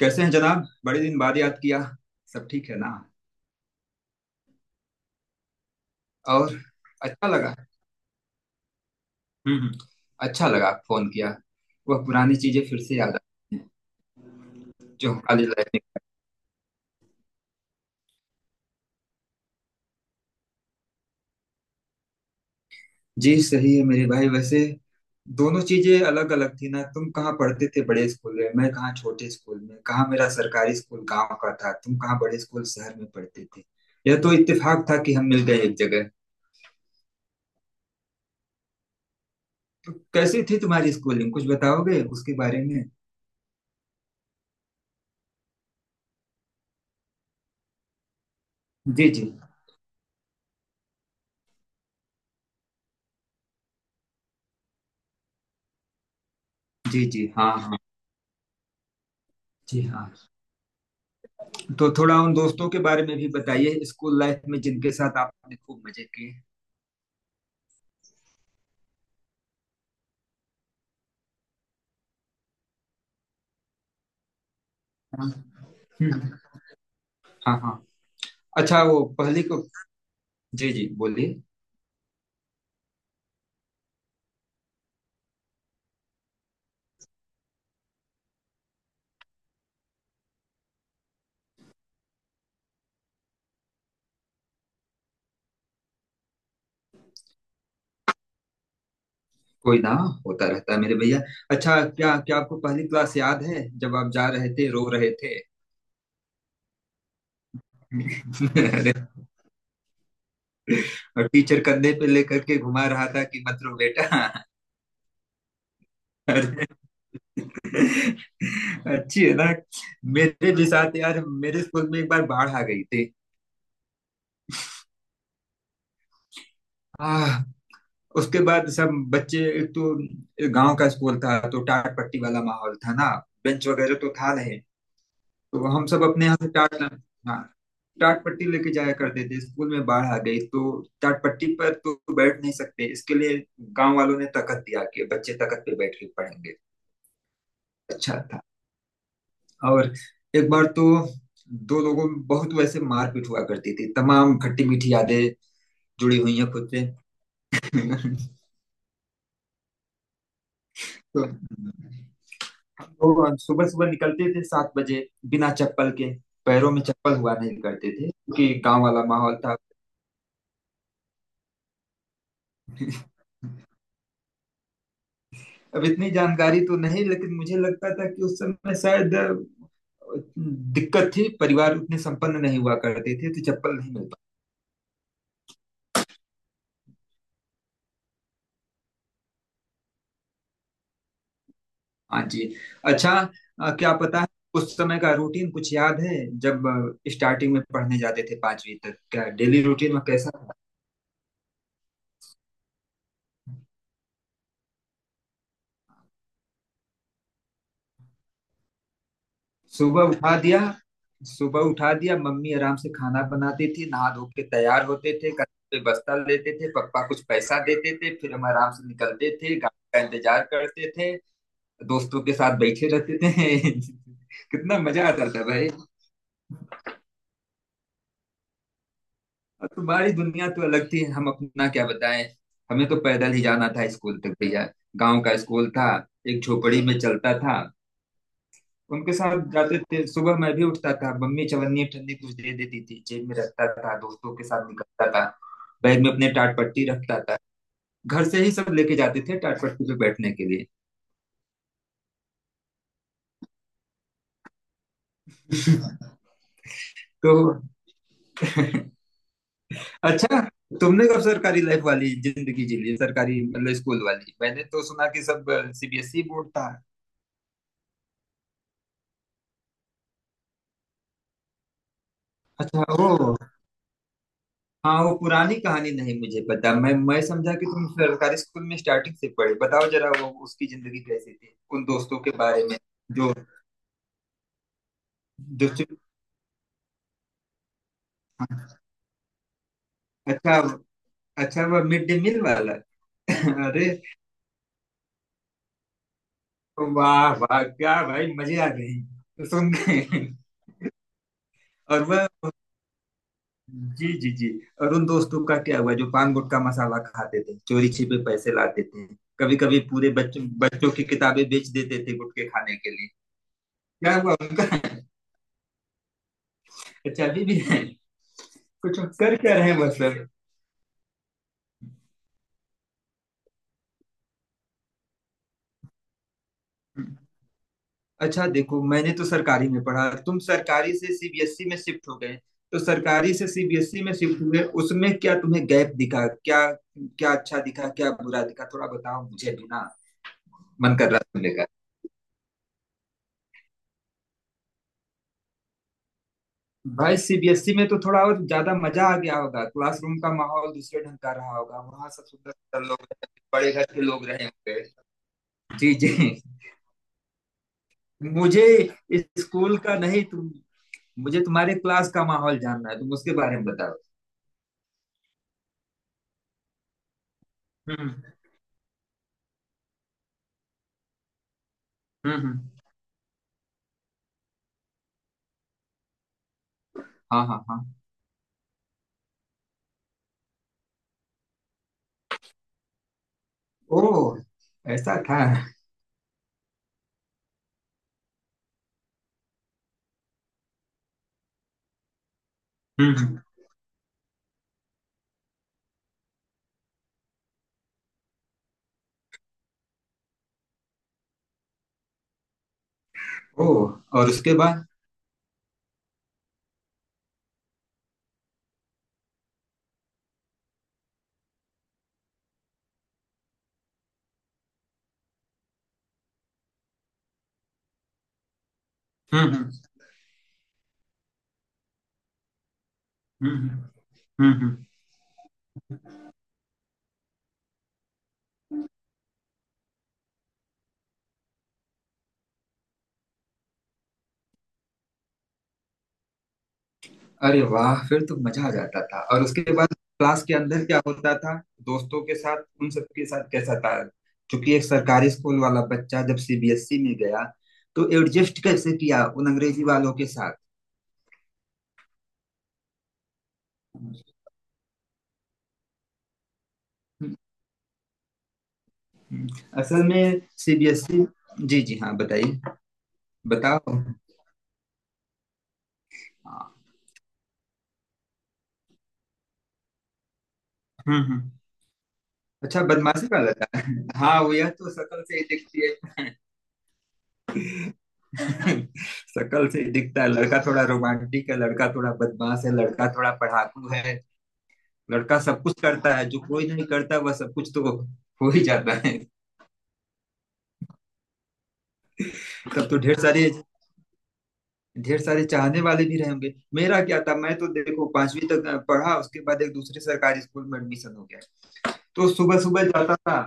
कैसे हैं जनाब, बड़े दिन बाद याद किया। सब ठीक है ना। और अच्छा लगा। हम्म हम्म, अच्छा लगा आप फोन किया। वह पुरानी चीजें फिर से याद आ रही हैं, जो हम कॉलेज लाइफ में। जी सही है मेरे भाई। वैसे दोनों चीजें अलग अलग थी ना। तुम कहाँ पढ़ते थे बड़े स्कूल में, मैं कहाँ छोटे स्कूल में, कहाँ मेरा सरकारी स्कूल गांव का था, तुम कहाँ बड़े स्कूल शहर में पढ़ते थे। यह तो इत्तेफाक था कि हम मिल गए एक जगह। तो कैसी थी तुम्हारी स्कूलिंग, कुछ बताओगे उसके बारे में। जी जी। जी जी। हाँ हाँ। जी हाँ। तो थोड़ा उन दोस्तों के बारे में भी बताइए स्कूल लाइफ में जिनके साथ आपने खूब मजे किए। हाँ। हम्म, हाँ हाँ। अच्छा वो पहली को। जी जी बोलिए। कोई ना, होता रहता है मेरे भैया। अच्छा क्या क्या आपको पहली क्लास याद है जब आप जा रहे थे रो रहे थे। अरे, और टीचर कंधे पे लेकर के घुमा रहा था कि मत रो बेटा। अरे, अच्छी है ना। मेरे भी साथ यार, मेरे स्कूल में एक बार बाढ़ आ गई थी। उसके बाद सब बच्चे एक तो, गांव का स्कूल था तो टाट पट्टी वाला माहौल था ना, बेंच वगैरह तो था नहीं। तो हम सब अपने यहाँ से टाट, हाँ, टाट पट्टी लेके जाया करते थे स्कूल में। बाढ़ आ गई तो टाट पट्टी पर तो बैठ नहीं सकते, इसके लिए गांव वालों ने तकत दिया कि बच्चे तकत पे बैठ के पढ़ेंगे। अच्छा था। और एक बार तो दो लोगों में बहुत वैसे मारपीट हुआ करती थी। तमाम खट्टी मीठी यादें जुड़ी हुई हैं खुद से। तो हम लोग सुबह सुबह निकलते थे सात बजे, बिना चप्पल के। पैरों में चप्पल हुआ नहीं करते थे क्योंकि गांव वाला माहौल था। अब इतनी जानकारी तो नहीं, लेकिन मुझे लगता था कि उस समय शायद दिक्कत थी। परिवार उतने संपन्न नहीं हुआ करते थे तो चप्पल नहीं मिल पा। हाँ जी। अच्छा। क्या पता है उस समय का रूटीन कुछ याद है, जब स्टार्टिंग में पढ़ने जाते थे पांचवी तक क्या डेली रूटीन में कैसा था? सुबह उठा दिया। सुबह उठा दिया, मम्मी आराम से खाना बनाती थी, नहा धो के तैयार होते थे, कंधे पे बस्ता लेते थे, पापा कुछ पैसा देते थे, फिर हम आराम से निकलते थे, गाड़ी का इंतजार करते थे, दोस्तों के साथ बैठे रहते थे। कितना मजा आता था भाई। और तुम्हारी दुनिया तो अलग थी, हम अपना क्या बताएं। हमें तो पैदल ही जाना था स्कूल तक भैया। गांव का स्कूल था, एक झोपड़ी में चलता था। उनके साथ जाते थे सुबह, मैं भी उठता था, मम्मी चवन्नी ठंडी कुछ दे देती थी, जेब में रखता था, दोस्तों के साथ निकलता था, बैग में अपने टाट पट्टी रखता था। घर से ही सब लेके जाते थे टाट पट्टी पे बैठने के लिए। तो अच्छा, तुमने कब सरकारी लाइफ वाली जिंदगी जी ली? सरकारी मतलब स्कूल वाली। मैंने तो सुना कि सब सीबीएसई बोर्ड था। अच्छा ओ। हाँ वो पुरानी कहानी नहीं मुझे पता। मैं समझा कि तुम सरकारी स्कूल में स्टार्टिंग से पढ़े। बताओ जरा वो उसकी जिंदगी कैसी थी, उन दोस्तों के बारे में जो। जो चुप- हाँ, अच्छा। अच्छा वह मिड डे मील वाला। अरे वाह वाह, क्या भाई, मजे आ गए तो सुन के। और वह, जी जी जी। और उन दोस्तों का क्या हुआ जो पान गुटखा मसाला खाते थे, चोरी छिपे पैसे लाते थे, कभी कभी पूरे बच्चों बच्चों की किताबें बेच देते थे गुटखे खाने के लिए। क्या हुआ उनका? अच्छा अभी भी है। कुछ कर क्या रहे हैं मतलब? अच्छा देखो, मैंने तो सरकारी में पढ़ा, तुम सरकारी से सीबीएसई में शिफ्ट हो गए। तो सरकारी से सीबीएसई में शिफ्ट हुए उसमें क्या तुम्हें गैप दिखा, क्या क्या अच्छा दिखा, क्या बुरा दिखा, थोड़ा बताओ मुझे भी ना। मन कर रहा है सुनने का। भाई सीबीएसई में तो थोड़ा और ज्यादा मजा आ गया होगा, क्लासरूम का माहौल दूसरे ढंग का रहा होगा, वहां सब सुंदर सुंदर लोग रहे, बड़े घर के लोग रहे होंगे। जी जी। मुझे स्कूल का नहीं, तुम, मुझे तुम्हारे क्लास का माहौल जानना है, तुम उसके बारे में बताओ। हम्म हम्म। हाँ हाँ हाँ। ओ, ऐसा था। हम्म। ओ, और उसके बाद। हम्म। हम्म हम्म हम्म। अरे वाह, फिर तो मजा आ जाता था। और उसके बाद क्लास के अंदर क्या होता था, दोस्तों के साथ, उन सबके साथ कैसा था? क्योंकि एक सरकारी स्कूल वाला बच्चा जब सीबीएसई में गया तो एडजस्ट कैसे किया उन अंग्रेजी वालों के साथ। हम्म, हम्म। असल में सीबीएसई। जी जी हाँ बताइए। बताओ। हाँ। हम्म हम्म। अच्छा बदमाशी वाला था। हाँ वो, यह तो शकल से ही दिखती है। शकल से ही दिखता है लड़का थोड़ा रोमांटिक है, लड़का थोड़ा बदमाश है, लड़का थोड़ा पढ़ाकू है, लड़का सब कुछ करता है जो कोई नहीं करता वह सब कुछ तो हो ही जाता है। तब तो ढेर सारे, ढेर सारे चाहने वाले भी रहेंगे। मेरा क्या था, मैं तो देखो पांचवी तक पढ़ा, उसके बाद एक दूसरे सरकारी स्कूल में एडमिशन हो गया। तो सुबह सुबह जाता था,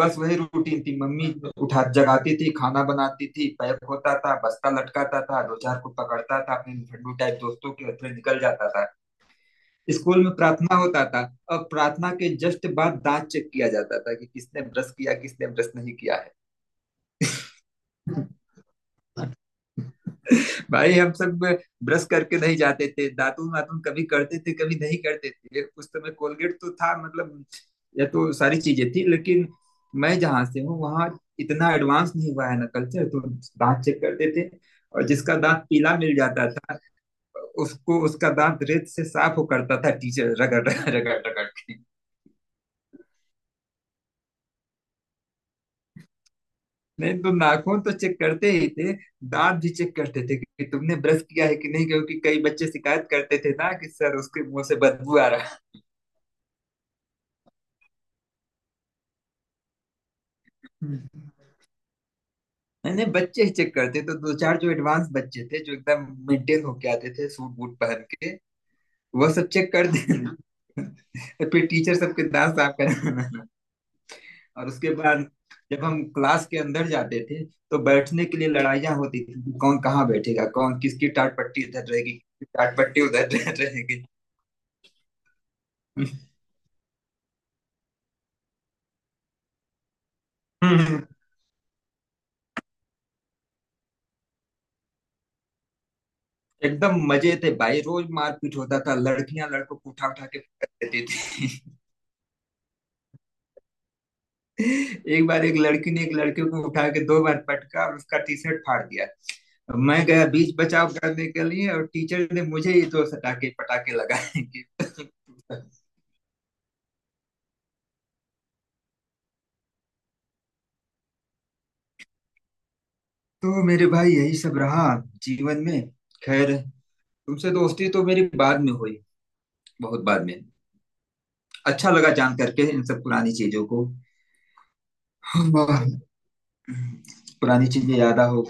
बस वही रूटीन थी। मम्मी उठा जगाती थी, खाना बनाती थी, पैक होता था, बस्ता लटकाता था, दो चार को पकड़ता था अपने लुफंडू टाइप दोस्तों के, हथले निकल जाता था। स्कूल में प्रार्थना होता था, और प्रार्थना के जस्ट बाद दांत चेक किया जाता था कि किसने ब्रश किया, किसने ब्रश नहीं किया। है भाई, हम सब ब्रश करके नहीं जाते थे, दातुन वातुन कभी करते थे कभी नहीं करते थे। उस समय कोलगेट तो था मतलब, ये तो सारी चीजें थी, लेकिन मैं जहाँ से हूँ वहाँ इतना एडवांस नहीं हुआ है ना कल्चर, तो दांत चेक करते थे। और जिसका दांत पीला मिल जाता था, उसको उसका दांत रेत से साफ हो करता था, टीचर रगड़ रगड़ रगड़ के। नहीं तो नाखून तो चेक करते ही थे, दांत भी चेक करते थे कि तुमने ब्रश किया है कि नहीं, क्योंकि कई बच्चे शिकायत करते थे ना कि सर उसके मुंह से बदबू आ रहा है। हम्म। नहीं नहीं, बच्चे ही चेक करते, तो दो चार जो एडवांस बच्चे थे जो एकदम मेंटेन होके आते थे सूट बूट पहन के, वह सब चेक कर देना। और फिर टीचर सबके दांत साफ कराना। और उसके बाद जब हम क्लास के अंदर जाते थे तो बैठने के लिए लड़ाइयाँ होती थी कि कौन कहाँ बैठेगा, कौन किसकी टाट पट्टी इधर रहेगी, किसकी टाट पट्टी उधर रहेगी। हम्म। एकदम मजे थे भाई, रोज मारपीट होता था, लड़कियां लड़कों को उठा उठा के पटक देती थी। एक बार एक लड़की ने एक लड़के को उठा के दो बार पटका और उसका टी शर्ट फाड़ दिया। मैं गया बीच बचाव करने के लिए और टीचर ने मुझे ही दो सटाके पटाके लगाए कि। तो मेरे भाई यही सब रहा जीवन में। खैर, तुमसे दोस्ती तो मेरी बाद में हुई, बहुत बाद में। अच्छा लगा जान करके इन सब पुरानी चीजों को। पुरानी चीजें याद हो,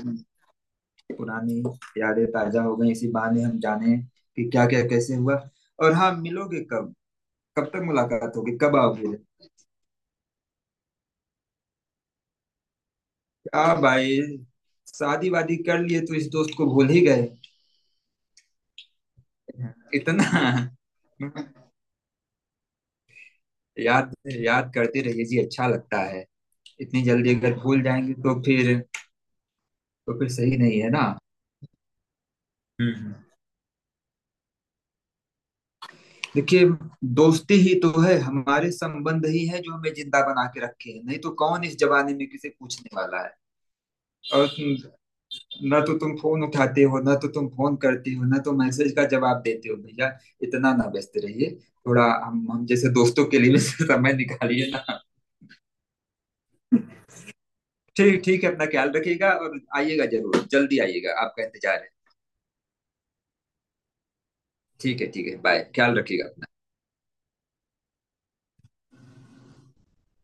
पुरानी यादें ताजा हो गई, इसी बहाने हम जाने कि क्या क्या कैसे हुआ। और हाँ, मिलोगे कब, कब तक मुलाकात होगी, कब आओगे? आ भाई, शादी वादी कर लिए तो इस दोस्त को भूल ही गए। इतना याद, याद करते रहिए जी, अच्छा लगता है। इतनी जल्दी अगर भूल जाएंगे तो फिर, तो फिर सही नहीं है ना। हम्म। देखिए, दोस्ती ही तो है, हमारे संबंध ही है जो हमें जिंदा बना के रखे हैं, नहीं तो कौन इस जमाने में किसे पूछने वाला है। और ना तो तुम फोन उठाते हो, ना तो तुम फोन करते हो, ना तो मैसेज का जवाब देते हो भैया। इतना ना व्यस्त रहिए, थोड़ा हम जैसे दोस्तों के लिए भी समय निकालिए ना। ठीक, ठीक है, अपना ख्याल रखिएगा और आइएगा जरूर, जल्दी आइएगा, आपका इंतजार है। ठीक है ठीक है, बाय, ख्याल रखिएगा।